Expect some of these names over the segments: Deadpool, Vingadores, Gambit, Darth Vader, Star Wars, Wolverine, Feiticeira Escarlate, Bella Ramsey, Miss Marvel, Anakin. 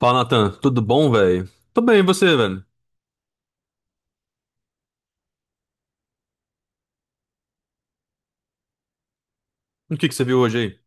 Fala, Nathan. Tudo bom, velho? Tô bem, e você, velho? O que que você viu hoje aí?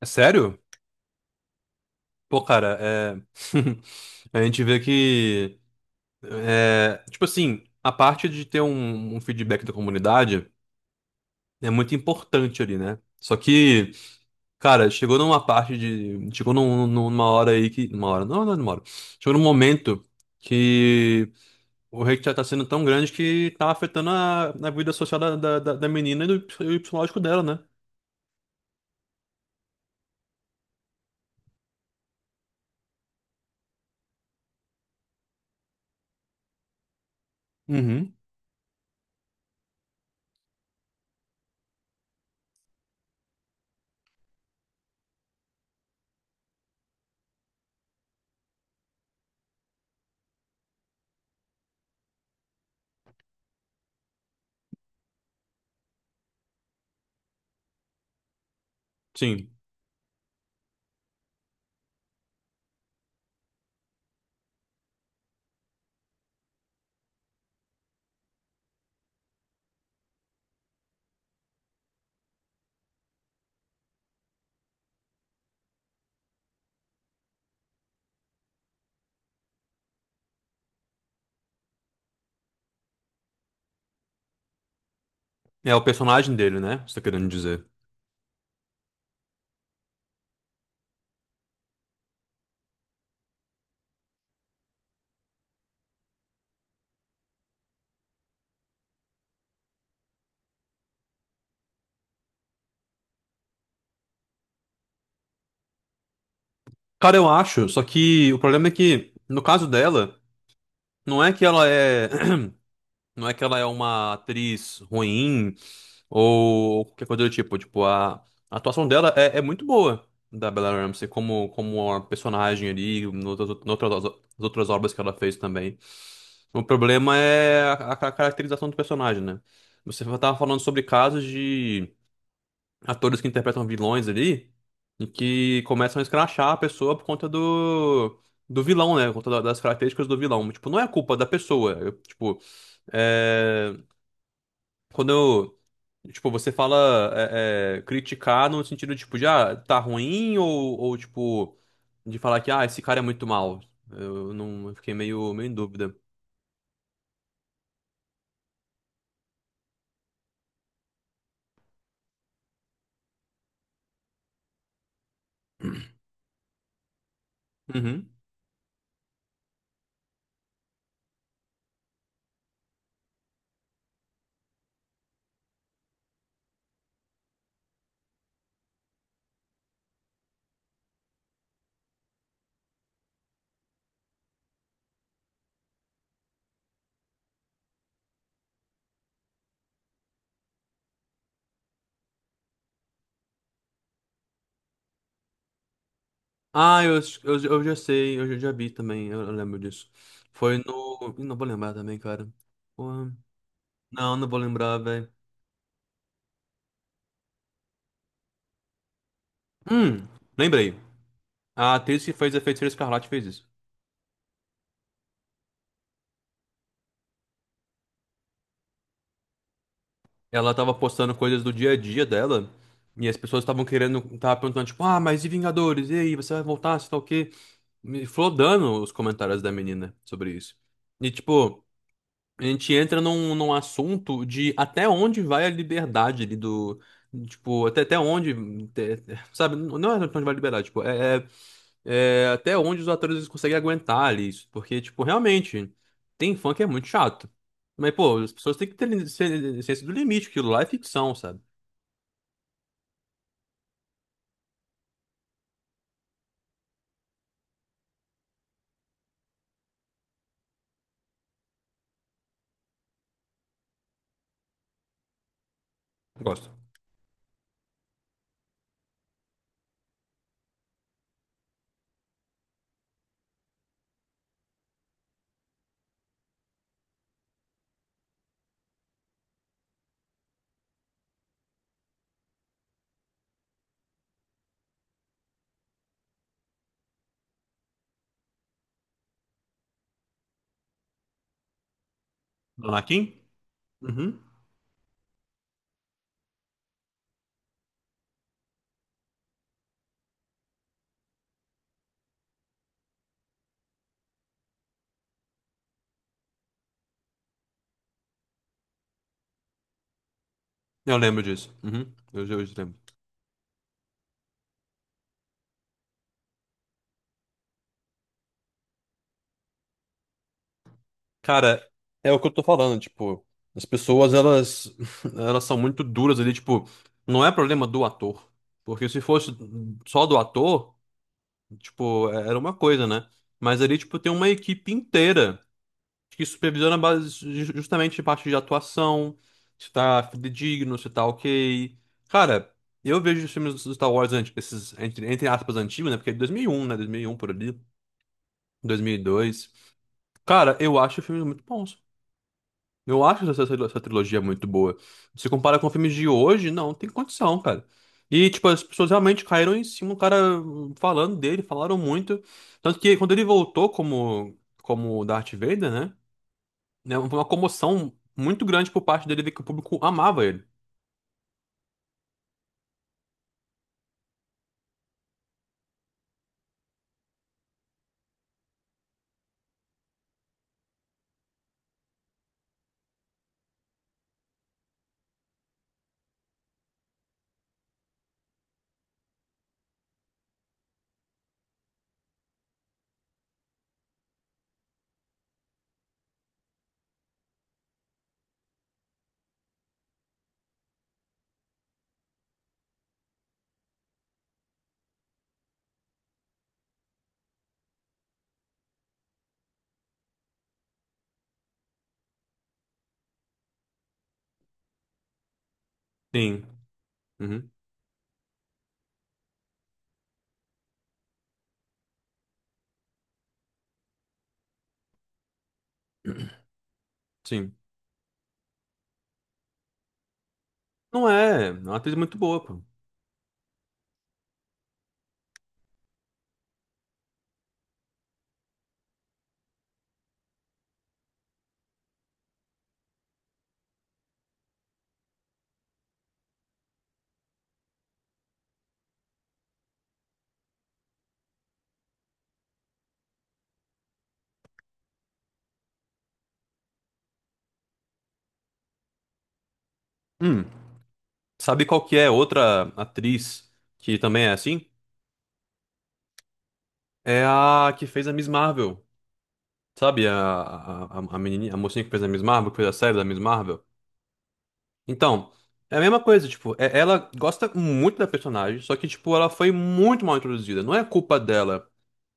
É sério? Pô, cara, é... A gente vê que... Tipo assim, a parte de ter um feedback da comunidade é muito importante ali, né? Só que, cara, chegou numa parte de... Chegou numa hora aí que... Numa hora? Não, é numa hora. Chegou num momento que o hate já tá sendo tão grande que tá afetando a vida social da menina e do psicológico dela, né? Uhum. Sim. É o personagem dele, né? Você tá querendo dizer. Cara, eu acho, só que o problema é que, no caso dela, não é que ela é. Não é que ela é uma atriz ruim ou qualquer coisa do tipo. Tipo, a atuação dela é muito boa, da Bella Ramsey, como uma personagem ali, noutras as outras obras que ela fez também. O problema é a caracterização do personagem, né? Você tava falando sobre casos de atores que interpretam vilões ali e que começam a escrachar a pessoa por conta do, do vilão, né? Por conta das características do vilão. Tipo, não é a culpa da pessoa. Eu, tipo, é, quando eu. Tipo, você fala criticar no sentido, tipo, de, ah, tá ruim ou, tipo, de falar que, ah, esse cara é muito mal. Eu não eu fiquei meio em dúvida. Uhum. Ah, eu já sei, já vi também, eu lembro disso. Foi no. Ih, não vou lembrar também, cara. Porra. Não, vou lembrar, velho. Hum, lembrei. A atriz que fez a Feiticeira Escarlate fez isso. Ela tava postando coisas do dia a dia dela. E as pessoas estavam querendo, tava perguntando, tipo, ah, mas e Vingadores? E aí, você vai voltar? Você tá o quê? Me flodando os comentários da menina sobre isso. E, tipo, a gente entra num assunto de até onde vai a liberdade ali do. Tipo, até onde. Sabe, não é até onde vai a liberdade, tipo, é, até onde os atores eles conseguem aguentar ali isso. Porque, tipo, realmente, tem fã que é muito chato. Mas, pô, as pessoas têm que ter ciência do limite, aquilo lá é ficção, sabe? Gosto. Do Anakin? Uhum. Eu lembro disso. Uhum. Eu lembro. Cara, é o que eu tô falando, tipo, as pessoas, elas, elas são muito duras ali, tipo, não é problema do ator. Porque se fosse só do ator, tipo, era uma coisa, né? Mas ali, tipo, tem uma equipe inteira. Acho que supervisão é base justamente de parte de atuação, se tá fidedigno, se tá ok. Cara, eu vejo os filmes do Star Wars, esses, entre aspas, antigos, né? Porque é de 2001, né? 2001 por ali, 2002. Cara, eu acho filmes muito bons. Eu acho essa trilogia muito boa. Se compara com filmes de hoje, não tem condição, cara. E, tipo, as pessoas realmente caíram em cima, o cara falando dele, falaram muito. Tanto que quando ele voltou como Darth Vader, né? Né, Foi uma comoção muito grande por parte dele ver que o público amava ele. Sim. Uhum. Sim. Não é, é uma atriz muito boa, pô. Hum, sabe qual que é outra atriz que também é assim? É a que fez a Miss Marvel. Sabe, a menininha, a mocinha que fez a Miss Marvel, que fez a série da Miss Marvel. Então, é a mesma coisa, tipo, é- ela gosta muito da personagem, só que, tipo, ela foi muito mal introduzida. Não é culpa dela.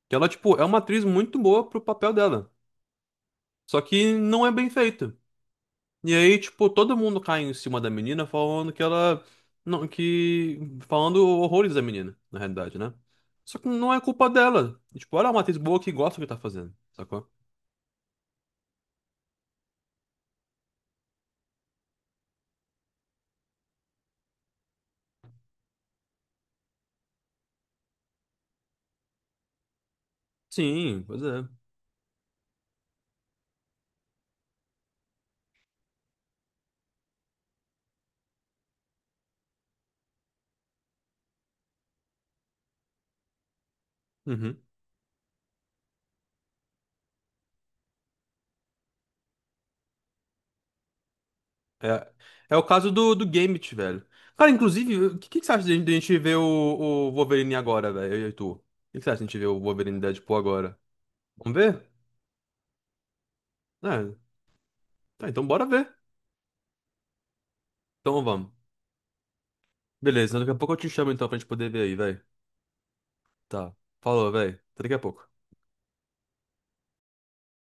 Que ela, tipo, é uma atriz muito boa pro papel dela. Só que não é bem feita. E aí, tipo, todo mundo cai em cima da menina falando que ela. Não, que. Falando horrores da menina, na realidade, né? Só que não é culpa dela. E, tipo, ela é uma atriz boa que gosta do que tá fazendo, sacou? Sim, pois é. Uhum. É, é o caso do Gambit, velho. Cara, inclusive, o que, que você acha de a gente ver o Wolverine agora, velho? Eu e tu. O que, que você acha de a gente ver o Wolverine Deadpool agora? Vamos ver? É. Tá, então bora ver. Então vamos. Beleza, daqui a pouco eu te chamo então pra gente poder ver aí, velho. Tá. Falou, velho. Até daqui a pouco.